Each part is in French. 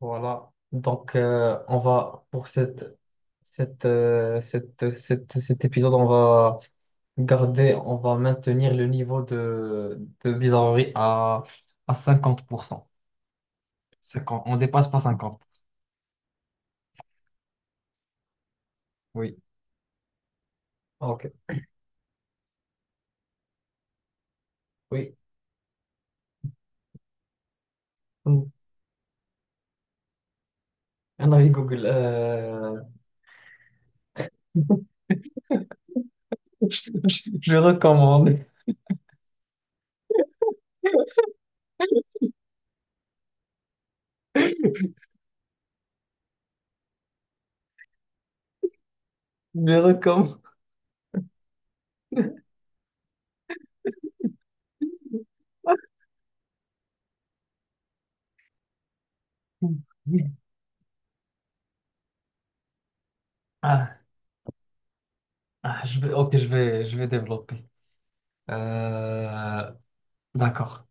Voilà. Donc, on va, pour cet épisode, on va on va maintenir le niveau de bizarrerie à cinquante pour cent. Cinquante. On dépasse pas cinquante. Oui. Ok. Oui. Mm. Un avis Google. Je recommande. Je recommande. Ah, ok, je vais développer. Euh, d'accord.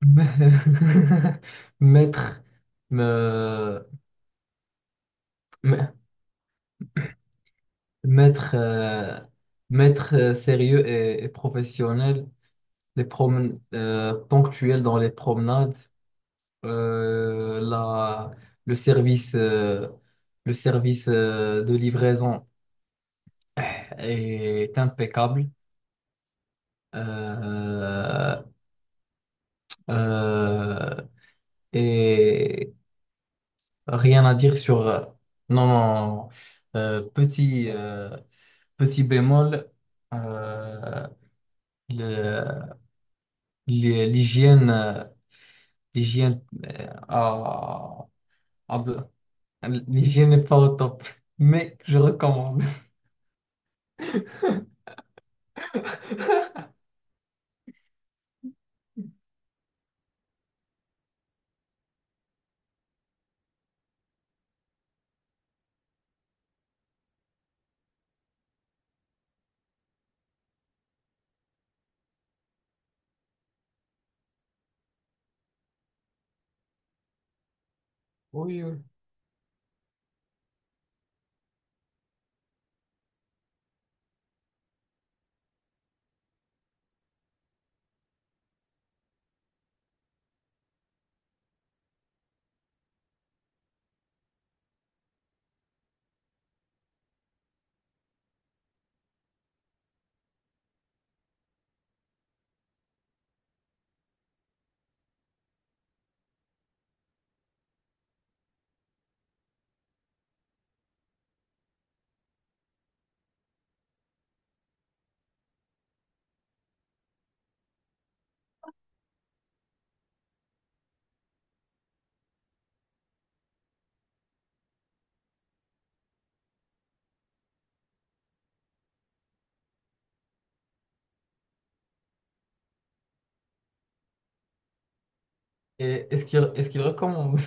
mettre me- me- mettre maître sérieux et professionnel, les promen ponctuels dans les promenades, euh, la, le service, euh, le service de livraison est impeccable. Euh, euh, et rien à dire sur, non, non, non. Euh, petit. euh, Petit bémol, euh, le- l'hygiène, l'hygiène, euh, ah, ah ben, l'hygiène n'est pas au top, mais je recommande. Oui, oui. Et est-ce qu'il recommande?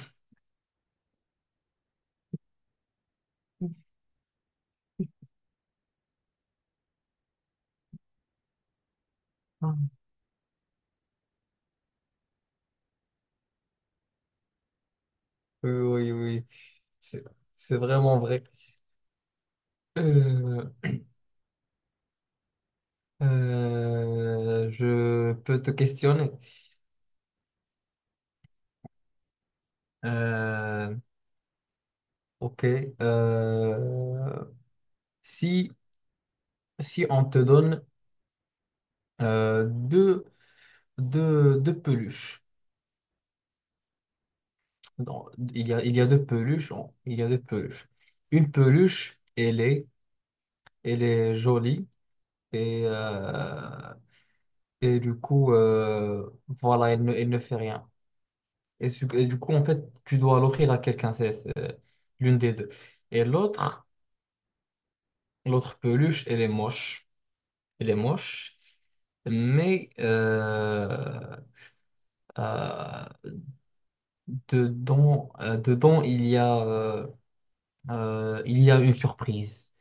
Ah. Oui, oui, oui, c'est c'est vraiment vrai. Euh, je peux te questionner. Euh, ok. euh, si, Si on te donne euh, deux. Deux peluches. Non, il y a deux peluches. Il y a deux peluches. Une peluche, elle est jolie et, euh, et, voilà, elle ne fait rien. Et tu dois l'offrir à quelqu'un, c'est l'une des deux. Et l'autre peluche, elle est moche. Elle est moche. Mais euh, dedans, il y a une surprise.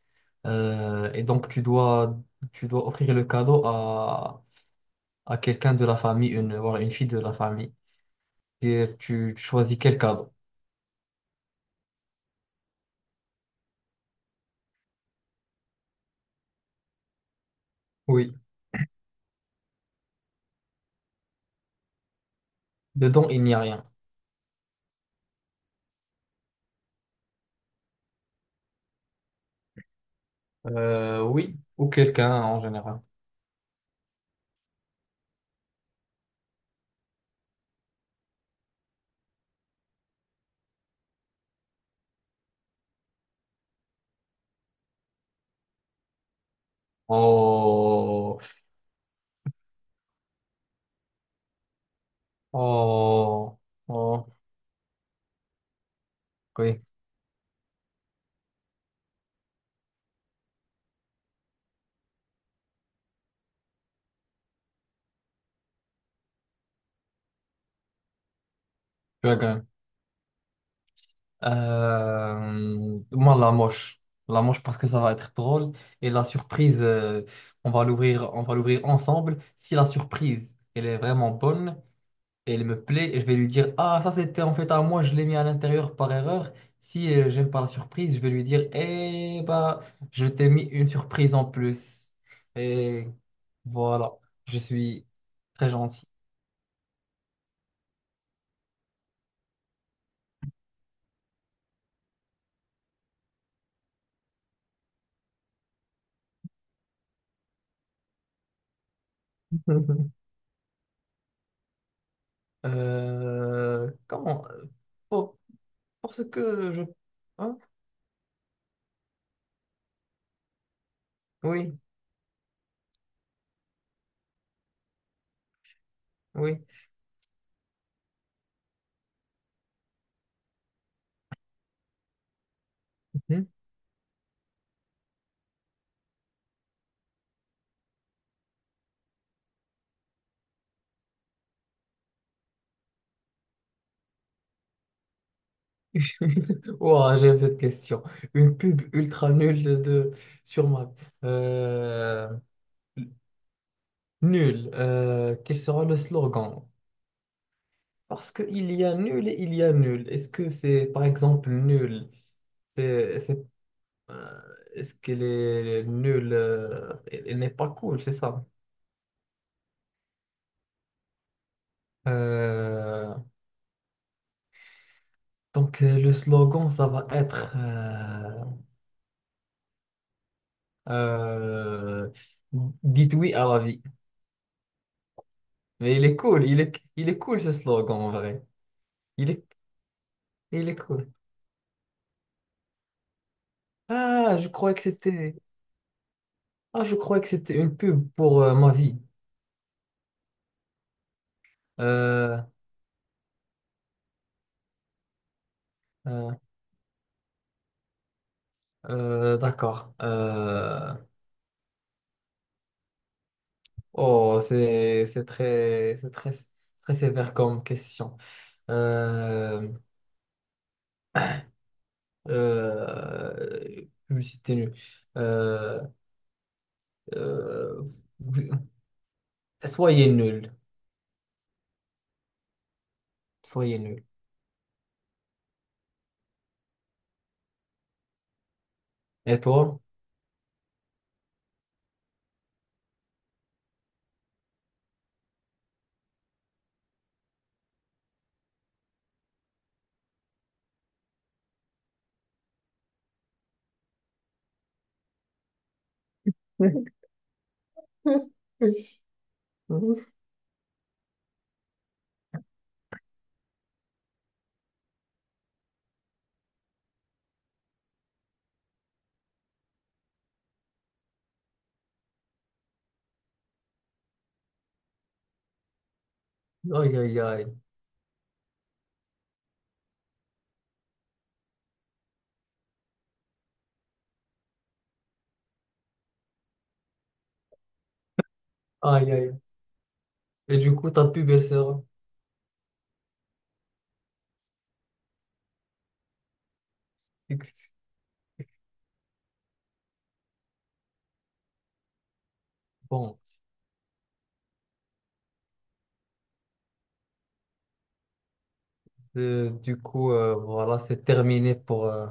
Et donc, tu dois offrir le cadeau à quelqu'un de la famille, une fille de la famille. Et tu choisis quel cadeau. Oui. Dedans, il n'y a rien. Oui, ou quelqu'un en général. Oh, oh, oh, oui, tu as gagné. Moi, la moche. La moche parce que ça va être drôle. Et la surprise, on va l'ouvrir ensemble. Si la surprise, elle est vraiment bonne, elle me plaît, je vais lui dire: «Ah, ça c'était en fait à moi, je l'ai mis à l'intérieur par erreur.» Si j'aime pas la surprise, je vais lui dire: «Eh bah, je t'ai mis une surprise en plus.» Et voilà, je suis très gentil. Euh, comment? euh, Pour- Parce que je... hein. Oui, oui. Mhm. Ouah, j'aime cette question. Une pub ultra nulle de sur Mac. Euh, Nul. Quel sera le slogan? Parce qu'il y a nul et il y a nul. Est-ce que c'est, par exemple, nul? C'est, c'est, euh, Est-ce qu'elle est nulle? Elle n'est pas cool, c'est ça. Euh, donc le slogan, ça va être, euh, dites oui à la vie. Mais il est cool, il est cool ce slogan en vrai. Il est, il est cool. Ah, je croyais que c'était, ah, je croyais que c'était une pub pour ma vie. Euh, euh, d'accord. Oh, c'est très sévère comme question. Euh, Publicité nulle. Euh, euh, vous- Soyez nul, soyez nul. Et toi? Aïe, aïe, aïe. Aïe, aïe. Et du coup, t'as pu baisser, hein. Bon, voilà, c'est terminé pour.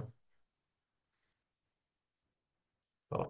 Voilà.